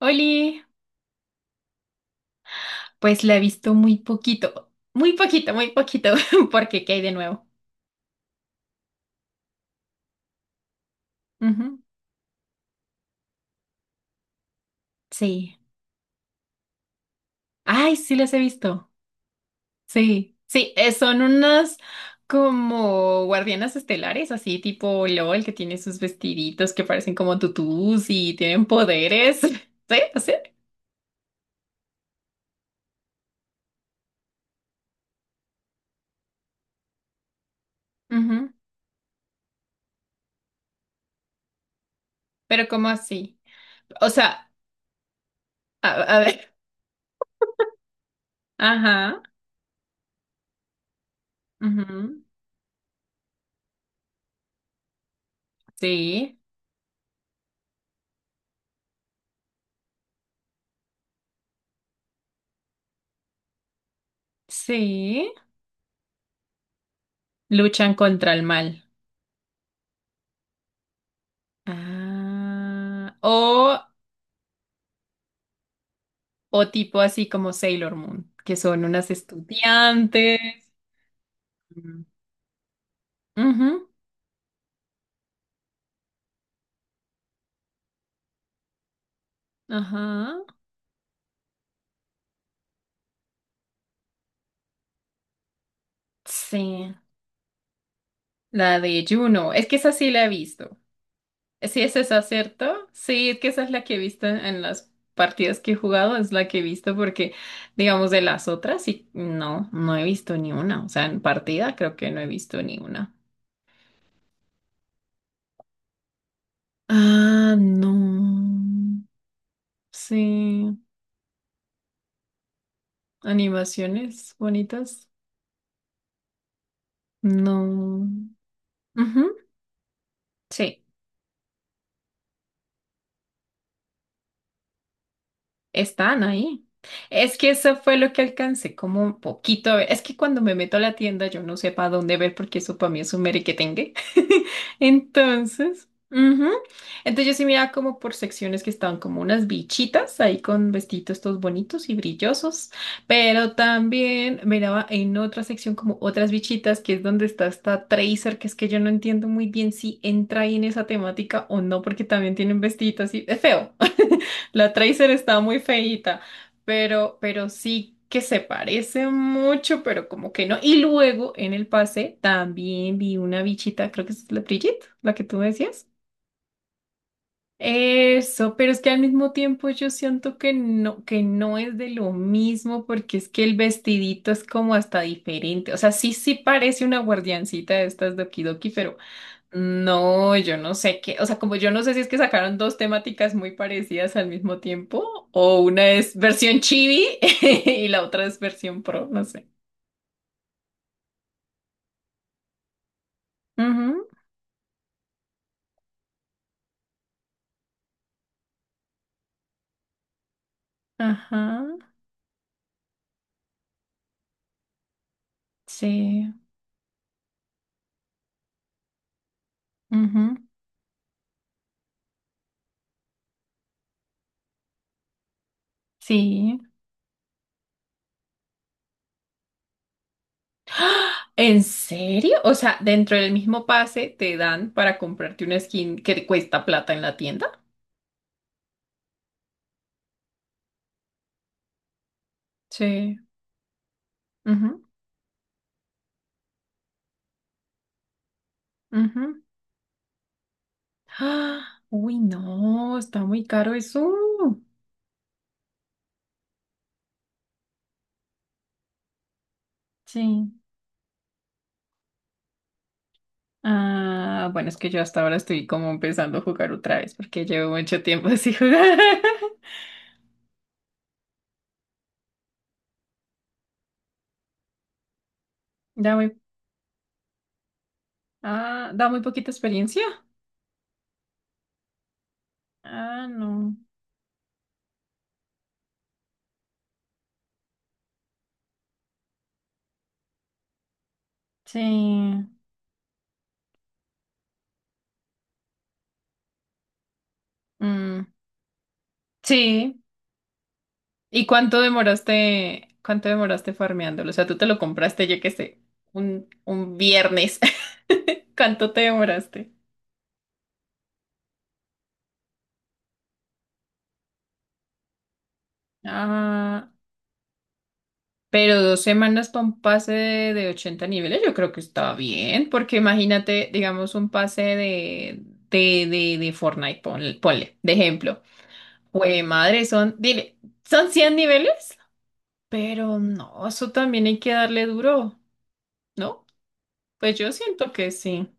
Oli, pues la he visto muy poquito, muy poquito, muy poquito, porque ¿qué hay de nuevo? Ujú. Sí. Ay, sí las he visto. Sí, sí, son unas como guardianas estelares, así tipo LOL, que tiene sus vestiditos que parecen como tutús y tienen poderes. Sí, sí. Ujú. Pero ¿cómo así? O sea, a, a ver. Ajá. Ujú. Sí, sí. Luchan contra el mal. Ah, o tipo así como Sailor Moon, que son unas estudiantes. Mm. Ujú. Ajá. Sí. La de Juno. Es que esa sí la he visto. Sí, es esa, ¿cierto? Sí, es que esa es la que he visto en las partidas que he jugado, es la que he visto porque, digamos, de las otras, sí, no, no he visto ni una. O sea, en partida creo que no he visto ni una. Ah, no. Sí. Animaciones bonitas. No. Ujú. Sí. Están ahí. Es que eso fue lo que alcancé, como un poquito. A ver. Es que cuando me meto a la tienda yo no sé para dónde ver porque eso para mí es un merequetengue. Entonces, ujú. Entonces yo sí miraba como por secciones que estaban como unas bichitas ahí con vestidos estos bonitos y brillosos, pero también miraba en otra sección como otras bichitas que es donde está esta Tracer, que es que yo no entiendo muy bien si entra ahí en esa temática o no porque también tienen vestiditos así. Es feo. La Tracer está muy feíta, pero sí que se parece mucho, pero como que no. Y luego en el pase también vi una bichita, creo que es la Brigitte, la que tú decías. Eso, pero es que al mismo tiempo yo siento que no es de lo mismo, porque es que el vestidito es como hasta diferente. O sea, sí, sí parece una guardiancita de estas de Okidoki, pero no, yo no sé qué, o sea, como yo no sé si es que sacaron dos temáticas muy parecidas al mismo tiempo, o una es versión chibi y la otra es versión pro, no sé. Ujú. Ajá, sí, ujú, sí. ¿En serio? O sea, dentro del mismo pase te dan para comprarte una skin que te cuesta plata en la tienda. Sí, ujú, ujú. ¡Ah! Uy, no, está muy caro eso. Sí. Ah, bueno, es que yo hasta ahora estoy como empezando a jugar otra vez porque llevo mucho tiempo sin jugar. Da muy, Da muy poquita experiencia. Ah, no. Sí. Mm, sí. ¿Y cuánto demoraste farmeándolo? O sea, tú te lo compraste, yo qué sé, un viernes. ¿Cuánto te demoraste? Ah. Pero 2 semanas para un pase de 80 niveles, yo creo que está bien, porque imagínate, digamos, un pase de Fortnite, ponle, de ejemplo. Jue madre, son, dile, son 100 niveles, pero no, eso también hay que darle duro, ¿no? Pues yo siento que sí.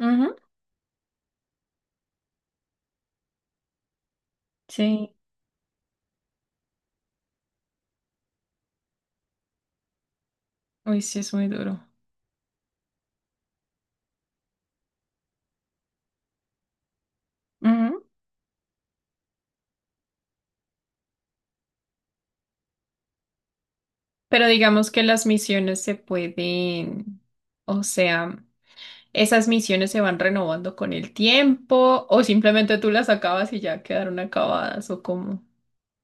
Ujú, sí, uy, sí es muy duro. Ujú. Pero digamos que las misiones se pueden, o sea. Esas misiones se van renovando con el tiempo o simplemente tú las acabas y ya quedaron acabadas o cómo.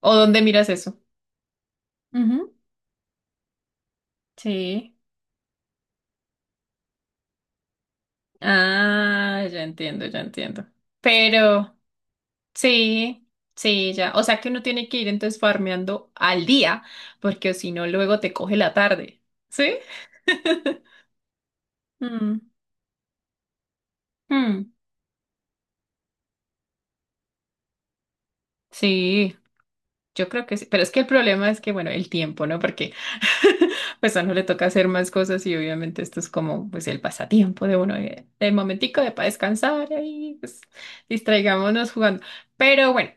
¿O dónde miras eso? Ujú. Sí. Ah, ya entiendo, ya entiendo. Pero sí, sí, ya. O sea que uno tiene que ir entonces farmeando al día porque si no luego te coge la tarde. ¿Sí? Mm. Mm, sí. Yo creo que sí, pero es que el problema es que, bueno, el tiempo, ¿no? Porque pues a uno le toca hacer más cosas y obviamente esto es como pues el pasatiempo de uno, el momentico de para descansar y ahí, pues distraigámonos jugando. Pero bueno,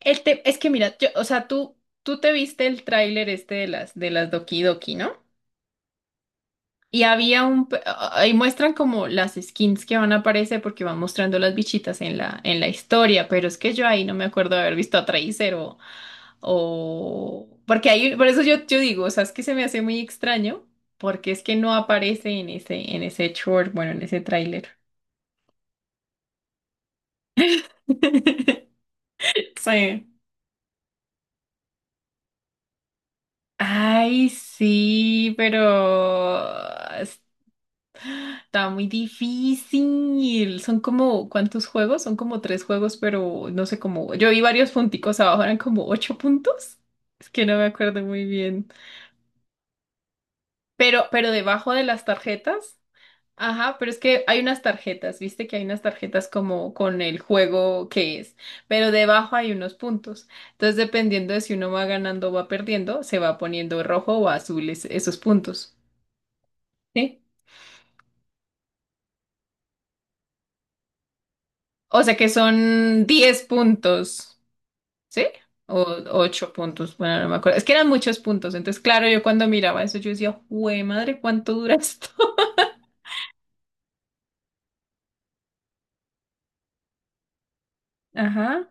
es que mira, o sea, tú te viste el tráiler este de las Doki Doki, ¿no? Y había un, pe- ahí muestran como las skins que van a aparecer porque van mostrando las bichitas en la historia, pero es que yo ahí no me acuerdo de haber visto a Tracer porque ahí, por eso yo digo, o sea, es que se me hace muy extraño porque es que no aparece en ese short, bueno, en ese tráiler. Sí. Ay, sí, pero está muy difícil. Son como, ¿cuántos juegos? Son como tres juegos, pero no sé cómo. Yo vi varios punticos abajo, eran como 8 puntos. Es que no me acuerdo muy bien. Pero debajo de las tarjetas. Ajá, pero es que hay unas tarjetas, viste que hay unas tarjetas como con el juego que es, pero debajo hay unos puntos. Entonces, dependiendo de si uno va ganando o va perdiendo, se va poniendo rojo o azul esos puntos. ¿Sí? O sea que son 10 puntos. ¿Sí? O 8 puntos, bueno, no me acuerdo. Es que eran muchos puntos. Entonces, claro, yo cuando miraba eso, yo decía, ¡Jue madre! ¿Cuánto dura esto? Ajá.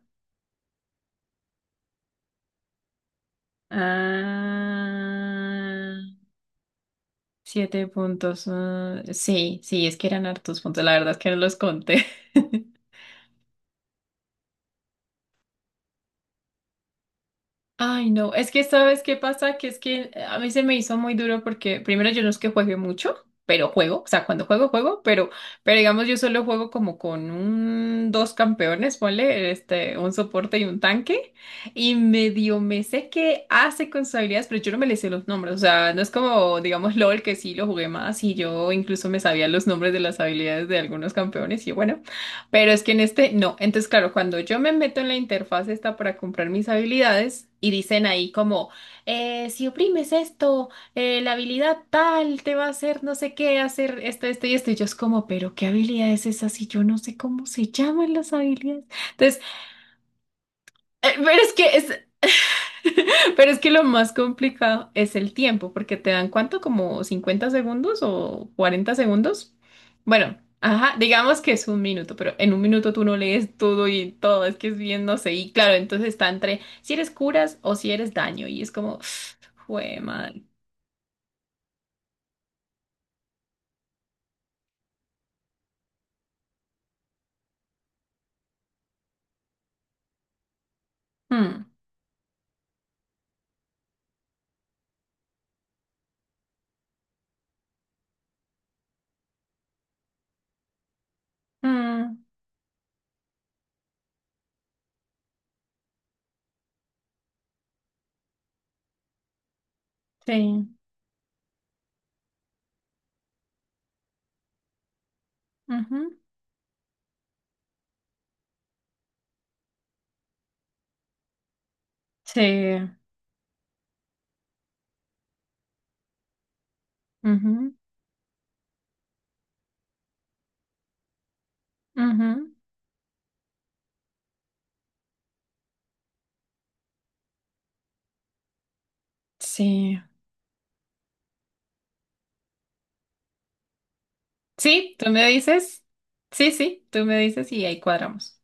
Ah, 7 puntos. Ah, sí, sí, es que eran hartos puntos. La verdad es que no los conté. Ay, no, es que ¿sabes qué pasa? Que es que a mí se me hizo muy duro porque primero yo no es que juegue mucho, pero juego, o sea, cuando juego, juego, pero digamos yo solo juego como con un, dos campeones, ponle, un soporte y un tanque, y medio me sé qué hace con sus habilidades, pero yo no me le sé los nombres, o sea, no es como, digamos, LOL, que sí lo jugué más y yo incluso me sabía los nombres de las habilidades de algunos campeones y bueno. Pero es que en este no. Entonces, claro, cuando yo me meto en la interfaz esta para comprar mis habilidades y dicen ahí como, si oprimes esto, la habilidad tal te va a hacer no sé qué, hacer esto, esto y esto. Y yo es como, pero ¿qué habilidad es esa si yo no sé cómo se llaman las habilidades? Entonces, eh, pero es que es, Pero es que lo más complicado es el tiempo, porque te dan cuánto, como 50 segundos o 40 segundos. Bueno, ajá, digamos que es un minuto, pero en un minuto tú no lees todo y todo, es que es bien, no sé. Y claro, entonces está entre si eres curas o si eres daño, y es como, jue madre. Mm, mm, sí, ujú, sí, ujú, ujú, sí. Sí, tú me dices, sí, sí, tú me dices y ahí cuadramos.